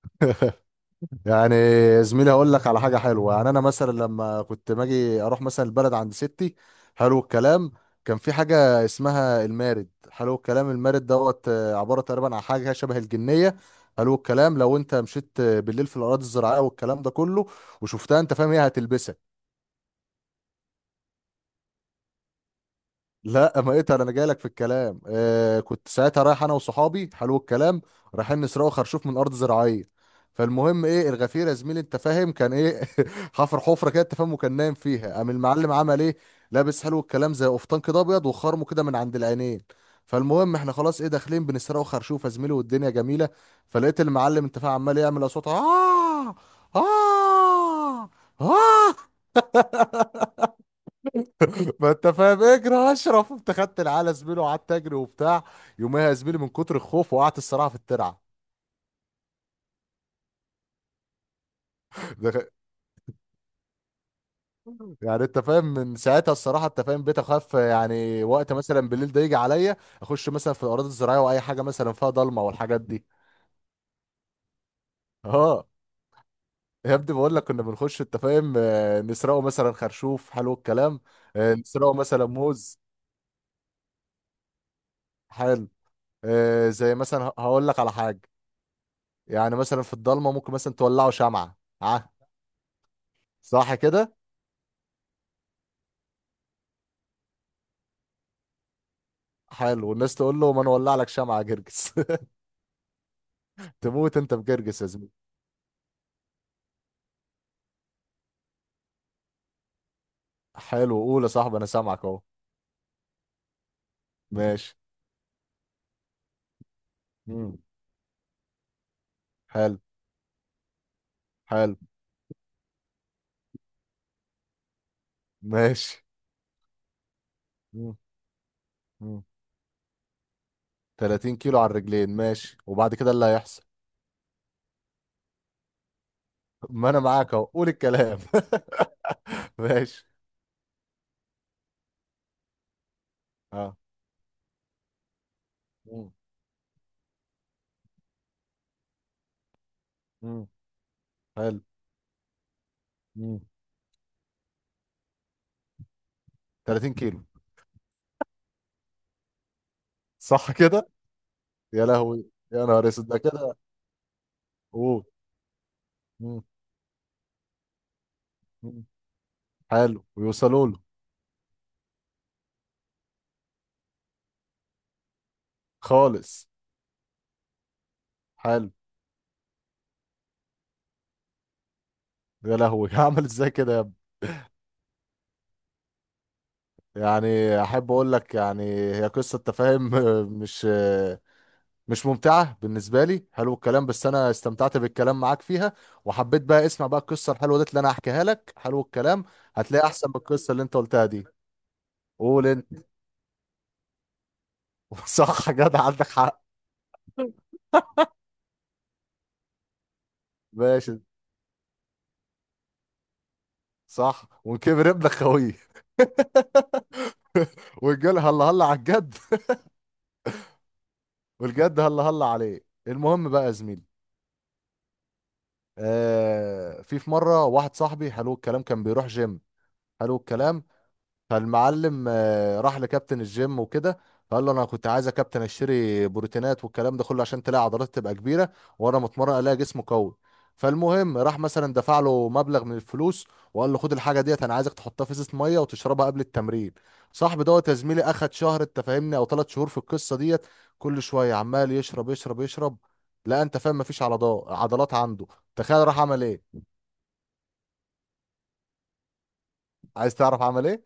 يعني زميلي هقول لك على حاجه حلوه. يعني انا مثلا لما كنت باجي اروح مثلا البلد عند ستي، حلو الكلام، كان في حاجه اسمها المارد. حلو الكلام. المارد دوت، عباره تقريبا عن حاجه شبه الجنيه. حلو الكلام. لو انت مشيت بالليل في الاراضي الزراعيه والكلام ده كله وشفتها، انت فاهم، هي هتلبسك. لا ما اقدر، انا جاي لك في الكلام. كنت ساعتها رايح انا وصحابي، حلو الكلام، رايحين نسرقوا خرشوف من ارض زراعيه. فالمهم ايه، الغفير يا زميلي، انت فاهم، كان ايه؟ حفر حفره كده، انت فاهم، وكان نايم فيها. قام المعلم عمل ايه؟ لابس، حلو الكلام، زي قفطان كده ابيض وخرمه كده من عند العينين. فالمهم احنا خلاص ايه داخلين بنسرقوا خرشوف يا زميلي والدنيا جميله. فلقيت المعلم، انت فاهم، عمال يعمل اصوات. اه. اه. اه. ما انت فاهم، اجري يا اشرف. انت خدت العلى زميله وقعدت اجري وبتاع. يوميها يا زميلي من كتر الخوف وقعت الصراحه في الترعه. ده- يعني انت فاهم، من ساعتها الصراحه، انت فاهم، بقيت اخاف. يعني وقت مثلا بالليل ده يجي عليا اخش مثلا في الاراضي الزراعيه واي حاجه مثلا فيها ضلمه والحاجات دي. اه، يا ابني بقول لك كنا بنخش، انت فاهم، نسرقه مثلا خرشوف، حلو الكلام. نسرقه مثلا موز. حلو. زي مثلا هقول لك على حاجه. يعني مثلا في الضلمه ممكن مثلا تولعه شمعه. اه صح كده. حلو، الناس تقول له ما نولع لك شمعة يا جرجس؟ تموت انت بجرجس يا زميلي. حلو، قول يا صاحبي انا سامعك اهو. ماشي. مم. حلو. حلو. ماشي. مم. مم. 30 كيلو على الرجلين، ماشي. وبعد كده اللي هيحصل؟ ما انا معاك اهو، قول الكلام. ماشي. اه. مم. مم. حلو. مم. 30 كيلو. صح كده. يا لهوي. يا نهار اسود، ده كده. قول. مم. مم. حلو، ويوصلوا له. خالص. حلو. يا لهوي. هعمل ازاي كده؟ يعني، احب اقول لك، يعني هي قصه تفاهم. مش مش ممتعه بالنسبه لي، حلو الكلام، بس انا استمتعت بالكلام معاك فيها. وحبيت بقى اسمع بقى القصه الحلوه دي اللي انا هحكيها لك، حلو الكلام. هتلاقي احسن من القصه اللي انت قلتها دي. قول انت. صح، جدع، عندك حق. ماشي. صح، وكبر ابنك خويه. والجل هلا هلا على الجد. والجد هلا هلا عليه. المهم بقى يا زميلي، في مره واحد صاحبي، حلو الكلام، كان بيروح جيم. حلو الكلام. فالمعلم راح لكابتن الجيم وكده. فقال له انا كنت عايز يا كابتن اشتري بروتينات والكلام ده كله، عشان تلاقي عضلات تبقى كبيره وانا متمرن الاقي جسم قوي. فالمهم راح مثلا دفع له مبلغ من الفلوس، وقال له خد الحاجه ديت، انا عايزك تحطها في ازازه ميه وتشربها قبل التمرين. صاحبي دوت يا زميلي اخد شهر، انت فاهمني، او ثلاث شهور في القصه ديت، كل شويه عمال يشرب يشرب يشرب. لا انت فاهم، مفيش عضلات عنده. تخيل راح عمل ايه. عايز تعرف عمل ايه؟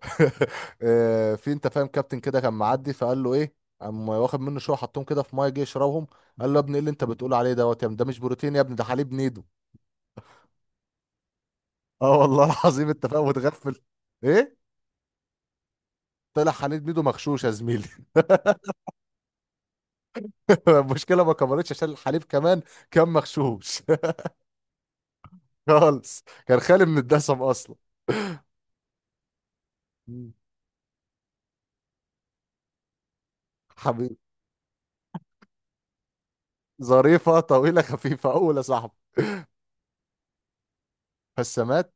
في، انت فاهم، كابتن كده كان معدي، فقال له ايه. قام واخد منه شويه، حطهم كده في ميه، جه يشربهم. قال له يا ابني ايه اللي انت بتقول عليه دوت؟ يا ابني ده مش بروتين يا ابني، ده حليب نيدو. اه والله العظيم، انت فاهم، متغفل. ايه، طلع حليب نيدو مغشوش يا زميلي. المشكله ما كبرتش، عشان الحليب كمان كان مغشوش. خالص، كان خالي من الدسم اصلا. مم. حبيبي. ظريفه طويله خفيفه اول يا صاحبي. فالسمات.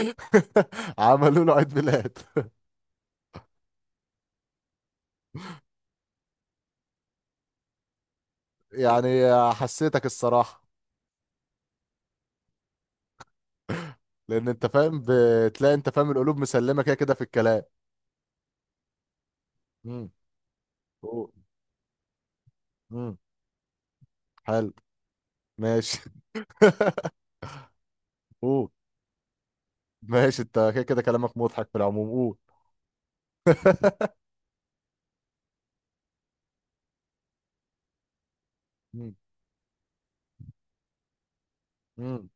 عملوا له عيد ميلاد. يعني حسيتك الصراحه. لان انت فاهم، بتلاقي، انت فاهم، القلوب مسلمه كده كده في الكلام. امم. اوه. امم. حلو. ماشي. اوه. ماشي، انت كده كده كلامك مضحك في العموم. اوه. مم. مم.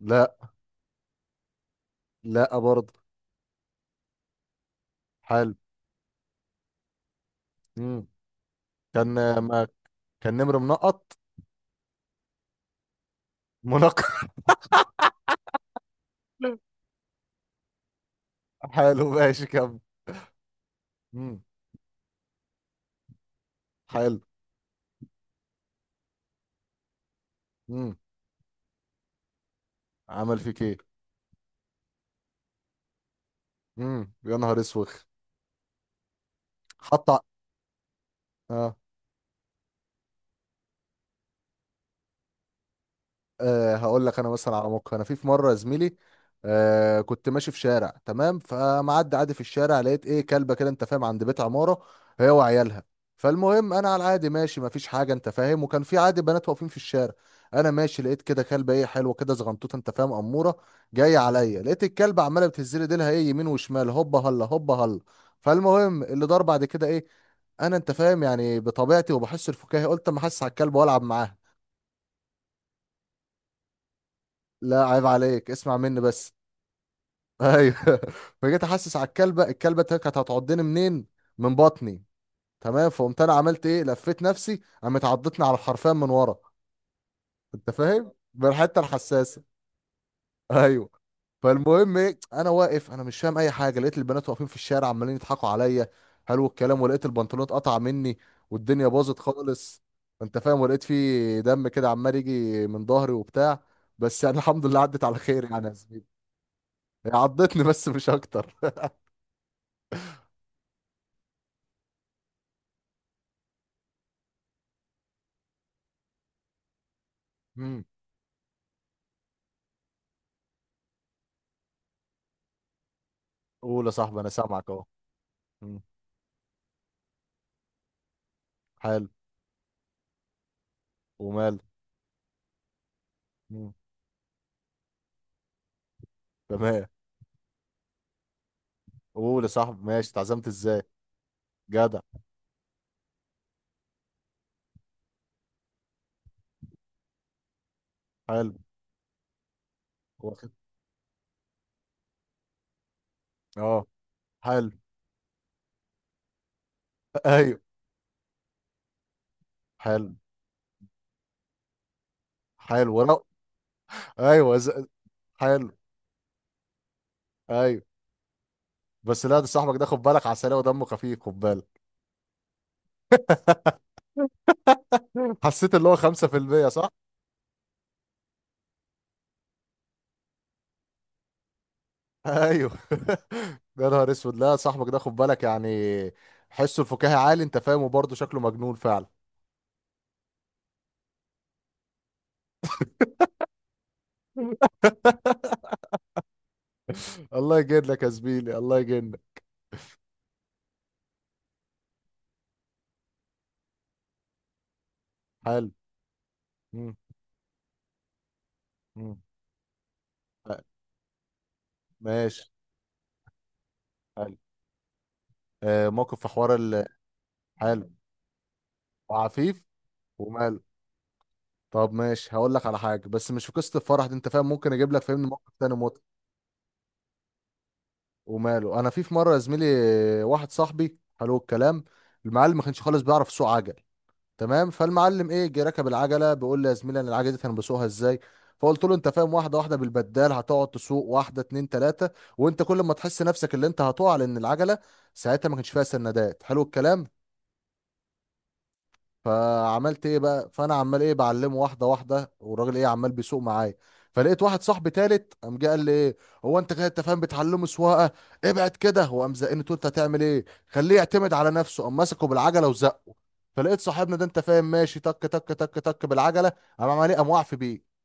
لا. لا برضه. حلو. مم. كان ما، كان نمر منقط. منقط. حلو، ماشي كمل. مم. حلو. مم. عمل فيك ايه؟ مم. يا نهار اسوخ. حط ع- اه. أه هقول لك انا مثلا على موقف. انا في مره يا زميلي، كنت ماشي في شارع تمام، فمعدي عادي في الشارع لقيت ايه، كلبه كده، انت فاهم، عند بيت عماره، هي وعيالها. فالمهم انا على العادي ماشي، مفيش حاجه، انت فاهم، وكان في عادي بنات واقفين في الشارع. انا ماشي لقيت كده كلبه ايه، حلوه كده، زغنطوطه، انت فاهم، اموره، جايه عليا. لقيت الكلبه عماله بتهز لي ديلها ايه يمين وشمال، هوبا هلا هوبا هلا. فالمهم اللي دار بعد كده ايه؟ انا انت فاهم يعني بطبيعتي وبحس الفكاهي، قلت ما احس على الكلب والعب معاها. لا عيب عليك، اسمع مني بس. ايوه. فجيت احسس على الكلبه، الكلبه كانت هتعضني منين؟ من بطني. تمام. فقمت انا عملت ايه، لفيت نفسي، قامت عضتني على الحرفان من ورا. انت فاهم من الحته الحساسه. ايوه. فالمهم ايه، انا واقف انا مش فاهم اي حاجه، لقيت البنات واقفين في الشارع عمالين يضحكوا عليا، حلو الكلام، ولقيت البنطلون اتقطع مني والدنيا باظت خالص. انت فاهم، ولقيت فيه دم كده عمال يجي من ظهري وبتاع بس. يعني الحمد لله عدت على خير، يعني يا زميلي. هي عضتني بس، مش اكتر. قول يا صاحبي انا سامعك اهو. مم. حلو. ومال. مم. تمام. قول يا صاحبي، ماشي، اتعزمت ازاي. جدع. حلو. واخد. اه. حلو. ايوه. حلو. حلو ورق. ايوه. حلو. ايوه. بس لا، ده صاحبك ده خد بالك، عسلية ودمه خفيف، خد بالك. حسيت اللي هو. 5% صح؟ ايوه. يا نهار اسود. لا صاحبك ده خد بالك يعني، حسه الفكاهي عالي، انت فاهم، وبرضه شكله مجنون فعلا. الله يجنك يا زميلي، الله يجنك. حلو. مم. مم. ماشي. حلو. آه موقف في حوار حلو. وعفيف. وماله. طب ماشي، هقول لك على حاجه بس مش في قصه الفرح دي، انت فاهم، ممكن اجيب لك، فاهمني، موقف تاني موت. وماله. انا في مره يا زميلي، واحد صاحبي، حلو الكلام، المعلم ما كانش خالص بيعرف يسوق عجل. تمام. فالمعلم ايه، جه ركب العجله، بيقول لي يا زميلي انا العجله دي انا بسوقها ازاي. فقلت له انت فاهم، واحده واحده بالبدال هتقعد تسوق، واحده اتنين تلاته، وانت كل ما تحس نفسك اللي انت هتقع، لان العجله ساعتها ما كانش فيها سندات، حلو الكلام. فعملت ايه بقى، فانا عمال ايه بعلمه واحده واحده، والراجل ايه عمال بيسوق معايا. فلقيت واحد صاحبي تالت قام جه قال لي ايه، هو انت كده انت فاهم بتعلمه سواقه، ابعد كده. وقام زقني، تقول انت هتعمل ايه، خليه يعتمد على نفسه، قام مسكه بالعجله وزقه. فلقيت صاحبنا ده، انت فاهم، ماشي تك تك تك تك بالعجله، قام عمال ايه، قام واقف بيه.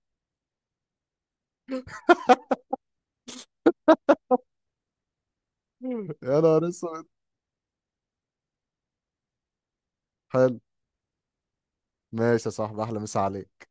يا نهار اسود. حلو. ماشي يا صاحبي، احلى مسا عليك.